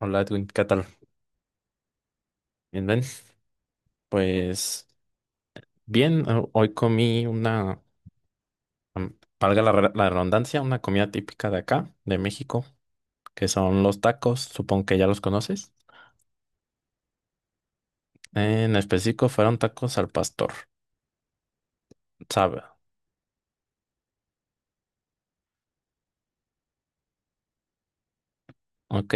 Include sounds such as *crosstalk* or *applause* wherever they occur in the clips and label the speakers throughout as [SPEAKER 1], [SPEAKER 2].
[SPEAKER 1] Hola Edwin, ¿qué tal? Bien, bien. Pues bien, hoy comí una, am- valga la redundancia, una comida típica de acá, de México, que son los tacos, supongo que ya los conoces. En específico fueron tacos al pastor, sabe, ok.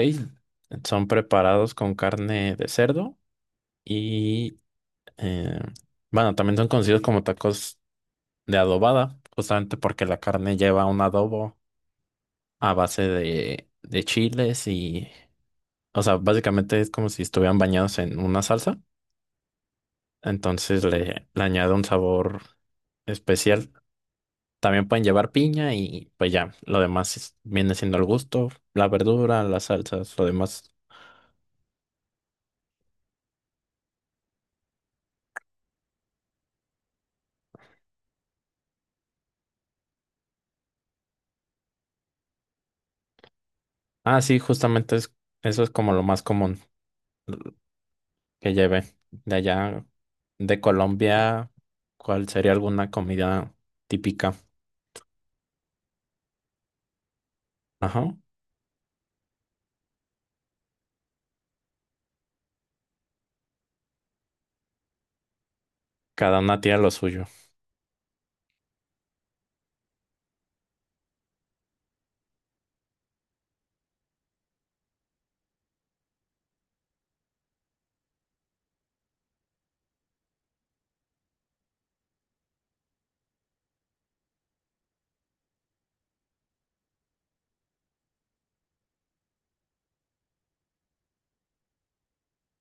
[SPEAKER 1] Son preparados con carne de cerdo y, eh, bueno, también son conocidos como tacos de adobada, justamente porque la carne lleva un adobo a base de chiles. O sea, básicamente es como si estuvieran bañados en una salsa. Entonces le añado un sabor especial. También pueden llevar piña y pues ya, lo demás viene siendo el gusto, la verdura, las salsas, lo demás. Ah, sí, justamente es, eso es como lo más común que lleve. De allá, de Colombia, ¿cuál sería alguna comida típica? Ajá, cada una tiene lo suyo.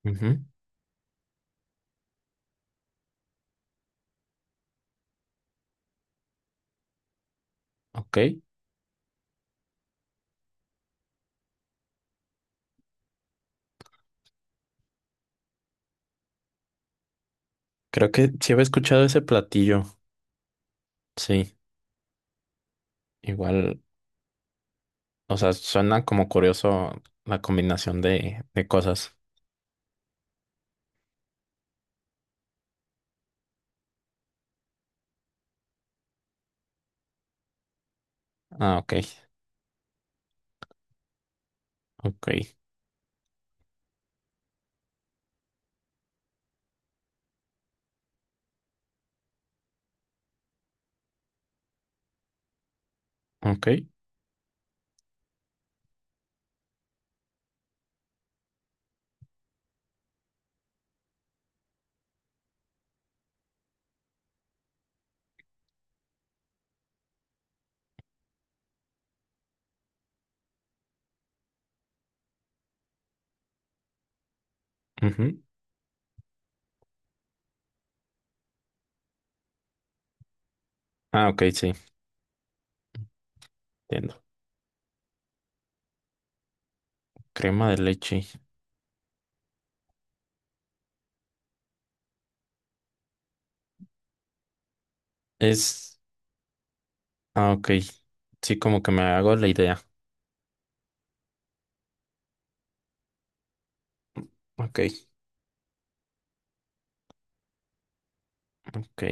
[SPEAKER 1] Ujú, ok, creo que sí había escuchado ese platillo. Sí, igual. O sea, suena como curioso la combinación de cosas. Ah, ok, ok, ok, ujú. Ah, ok, sí, entiendo. Crema de leche. Es... Ah, ok. Sí, como que me hago la idea. Ok, ok.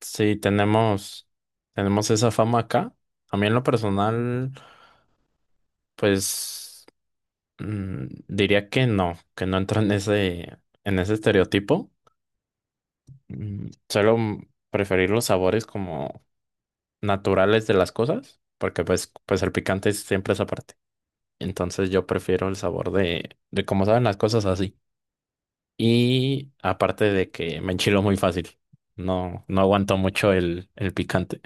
[SPEAKER 1] Sí, tenemos, tenemos esa fama acá. A mí en lo personal, pues diría que no entro en ese estereotipo. Suelo preferir los sabores como naturales de las cosas, porque pues el picante es siempre esa parte. Entonces yo prefiero el sabor de cómo saben las cosas así. Y aparte de que me enchilo muy fácil, no, no aguanto mucho el picante.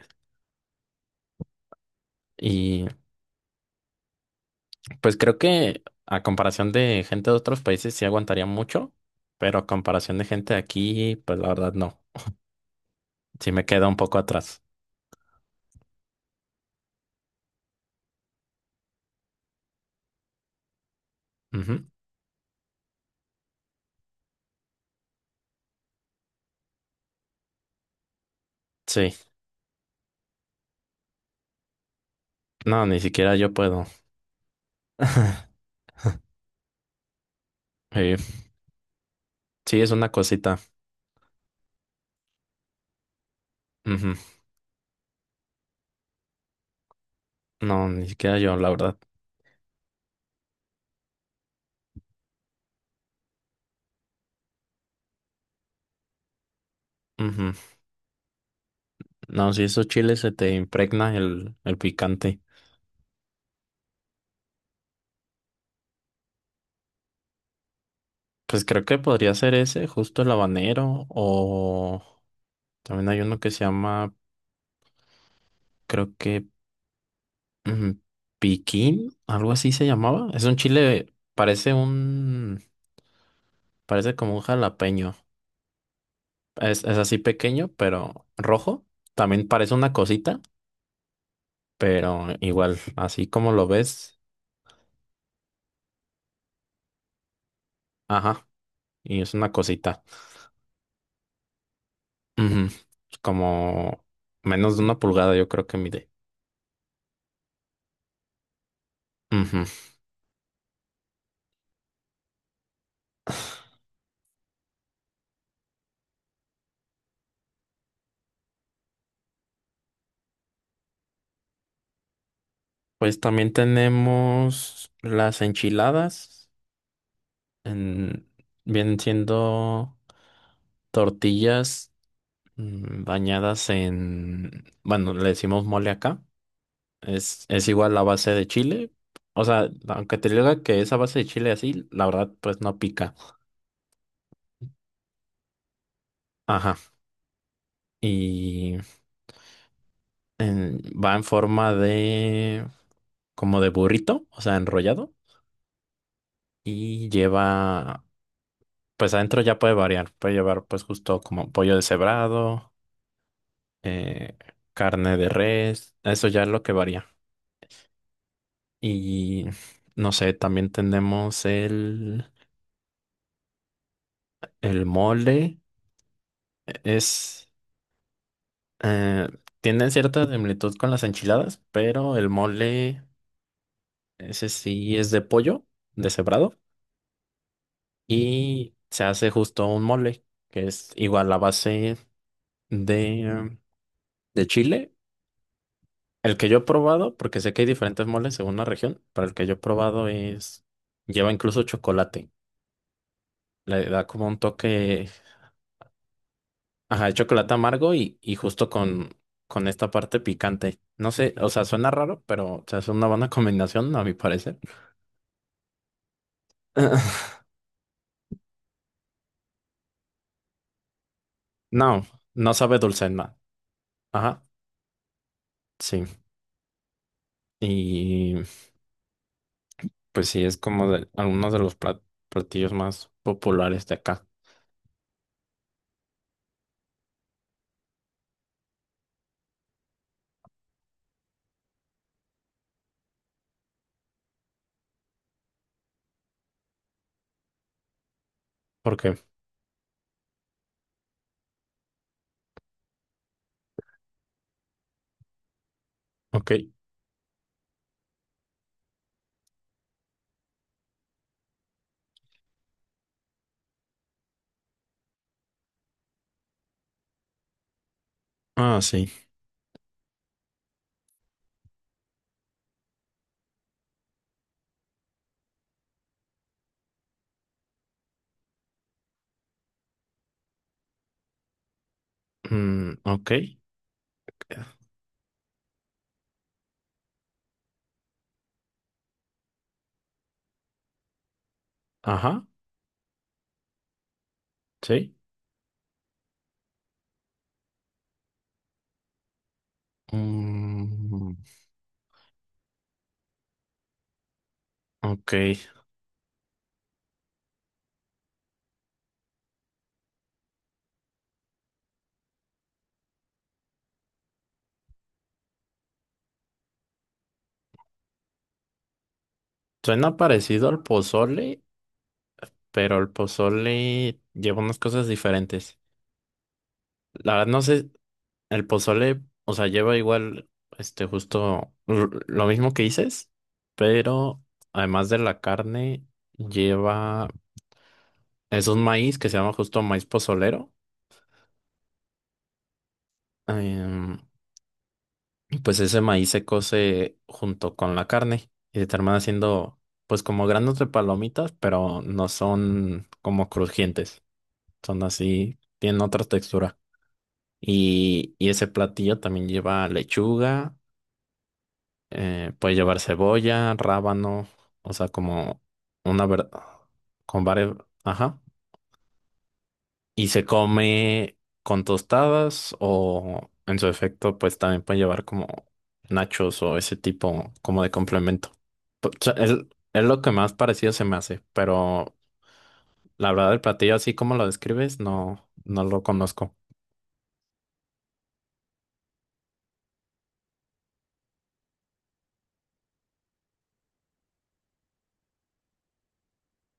[SPEAKER 1] Y pues creo que a comparación de gente de otros países sí aguantaría mucho, pero a comparación de gente de aquí, pues la verdad no. Sí me queda un poco atrás. Ujú. Sí, no, ni siquiera yo puedo. *laughs* Sí, sí, es una cosita. Ujú. No, ni siquiera yo, la verdad. Ujú. No, si esos chiles se te impregna el picante. Pues creo que podría ser ese, justo el habanero, o también hay uno que se llama, creo que ujú, piquín, algo así se llamaba. Es un chile, parece un, parece como un jalapeño. Es así pequeño, pero rojo. También parece una cosita, pero igual, así como lo ves, ajá, y es una cosita. Ujú. Como menos de una pulgada, yo creo que mide. Ujú. Pues también tenemos las enchiladas. en- Vienen siendo tortillas bañadas en, bueno, le decimos mole acá. Es igual la base de chile. O sea, aunque te diga que esa base de chile así, la verdad, pues no pica. Ajá. Y va en forma de, como de burrito, o sea, enrollado. Y lleva, pues adentro ya puede variar, puede llevar pues justo como pollo deshebrado, eh, carne de res, eso ya es lo que varía. Y no sé, también tenemos el mole, es, eh, tiene cierta similitud con las enchiladas, pero el mole, ese sí es de pollo deshebrado y se hace justo un mole, que es igual la base de, de chile. El que yo he probado, porque sé que hay diferentes moles según la región, pero el que yo he probado es, lleva incluso chocolate. Le da como un toque, ajá, de chocolate amargo y justo con esta parte picante. No sé, o sea, suena raro, pero o sea, es una buena *laughs* combinación, a mi parecer. *laughs* No, no sabe dulce en nada. Ajá, sí. Y pues sí, es como de algunos de los platillos más populares de acá. ¿Por qué? Ok. Ah, sí. Mm, ok. Ajá, sí. Mm, ok, suena parecido al pozole, pero el pozole lleva unas cosas diferentes. La verdad no sé, el pozole, o sea, lleva igual, este, justo lo mismo que dices, pero además de la carne, lleva, es un maíz que se llama justo maíz pozolero. em, Pues ese maíz se cose junto con la carne y se termina haciendo pues como granos de palomitas, pero no son como crujientes, son así, tienen otra textura. Y ese platillo también lleva lechuga, puede llevar cebolla, rábano, o sea, como una verdad, con varias, ajá. Y se come con tostadas o en su efecto pues también pueden llevar como nachos o ese tipo como de complemento. O sea, es lo que más parecido se me hace, pero la verdad el platillo así como lo describes no, no lo conozco.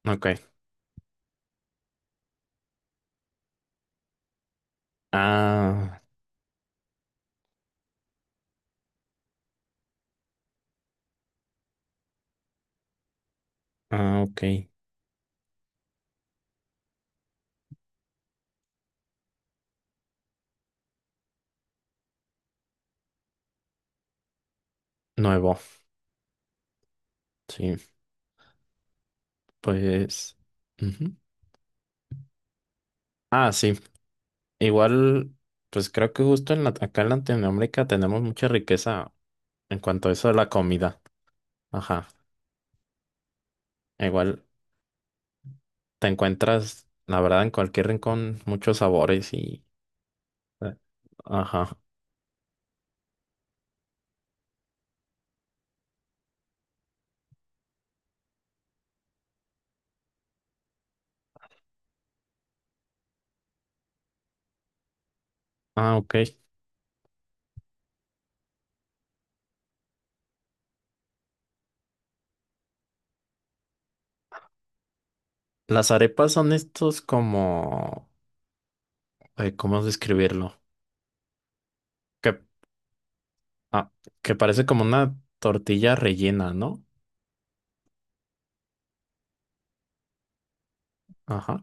[SPEAKER 1] Ok. Ah, ah, ok. Nuevo. Sí, pues. Ujú. Ah, sí. Igual, pues creo que justo en acá en Latinoamérica tenemos mucha riqueza en cuanto a eso de la comida. Ajá. Igual. Te encuentras, la verdad, en cualquier rincón muchos sabores y... eh, Ajá. Ah, ok. Las arepas son estos como... ¿cómo describirlo? Que, ah, que parece como una tortilla rellena, ¿no? Ajá.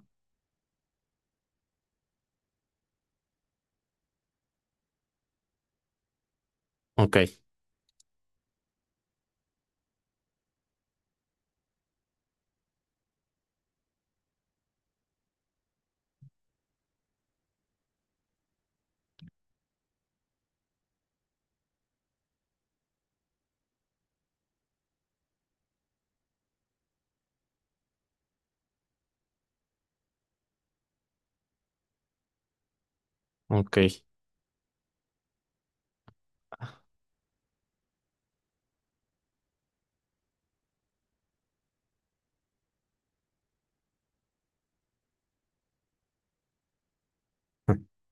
[SPEAKER 1] Ok, ok. *laughs*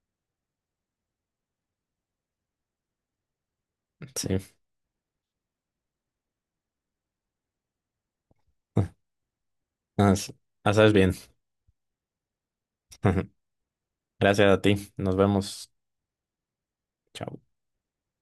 [SPEAKER 1] Sí. Ah, sí. Ah, sabes bien. *laughs* Gracias a ti. Nos vemos. Chao.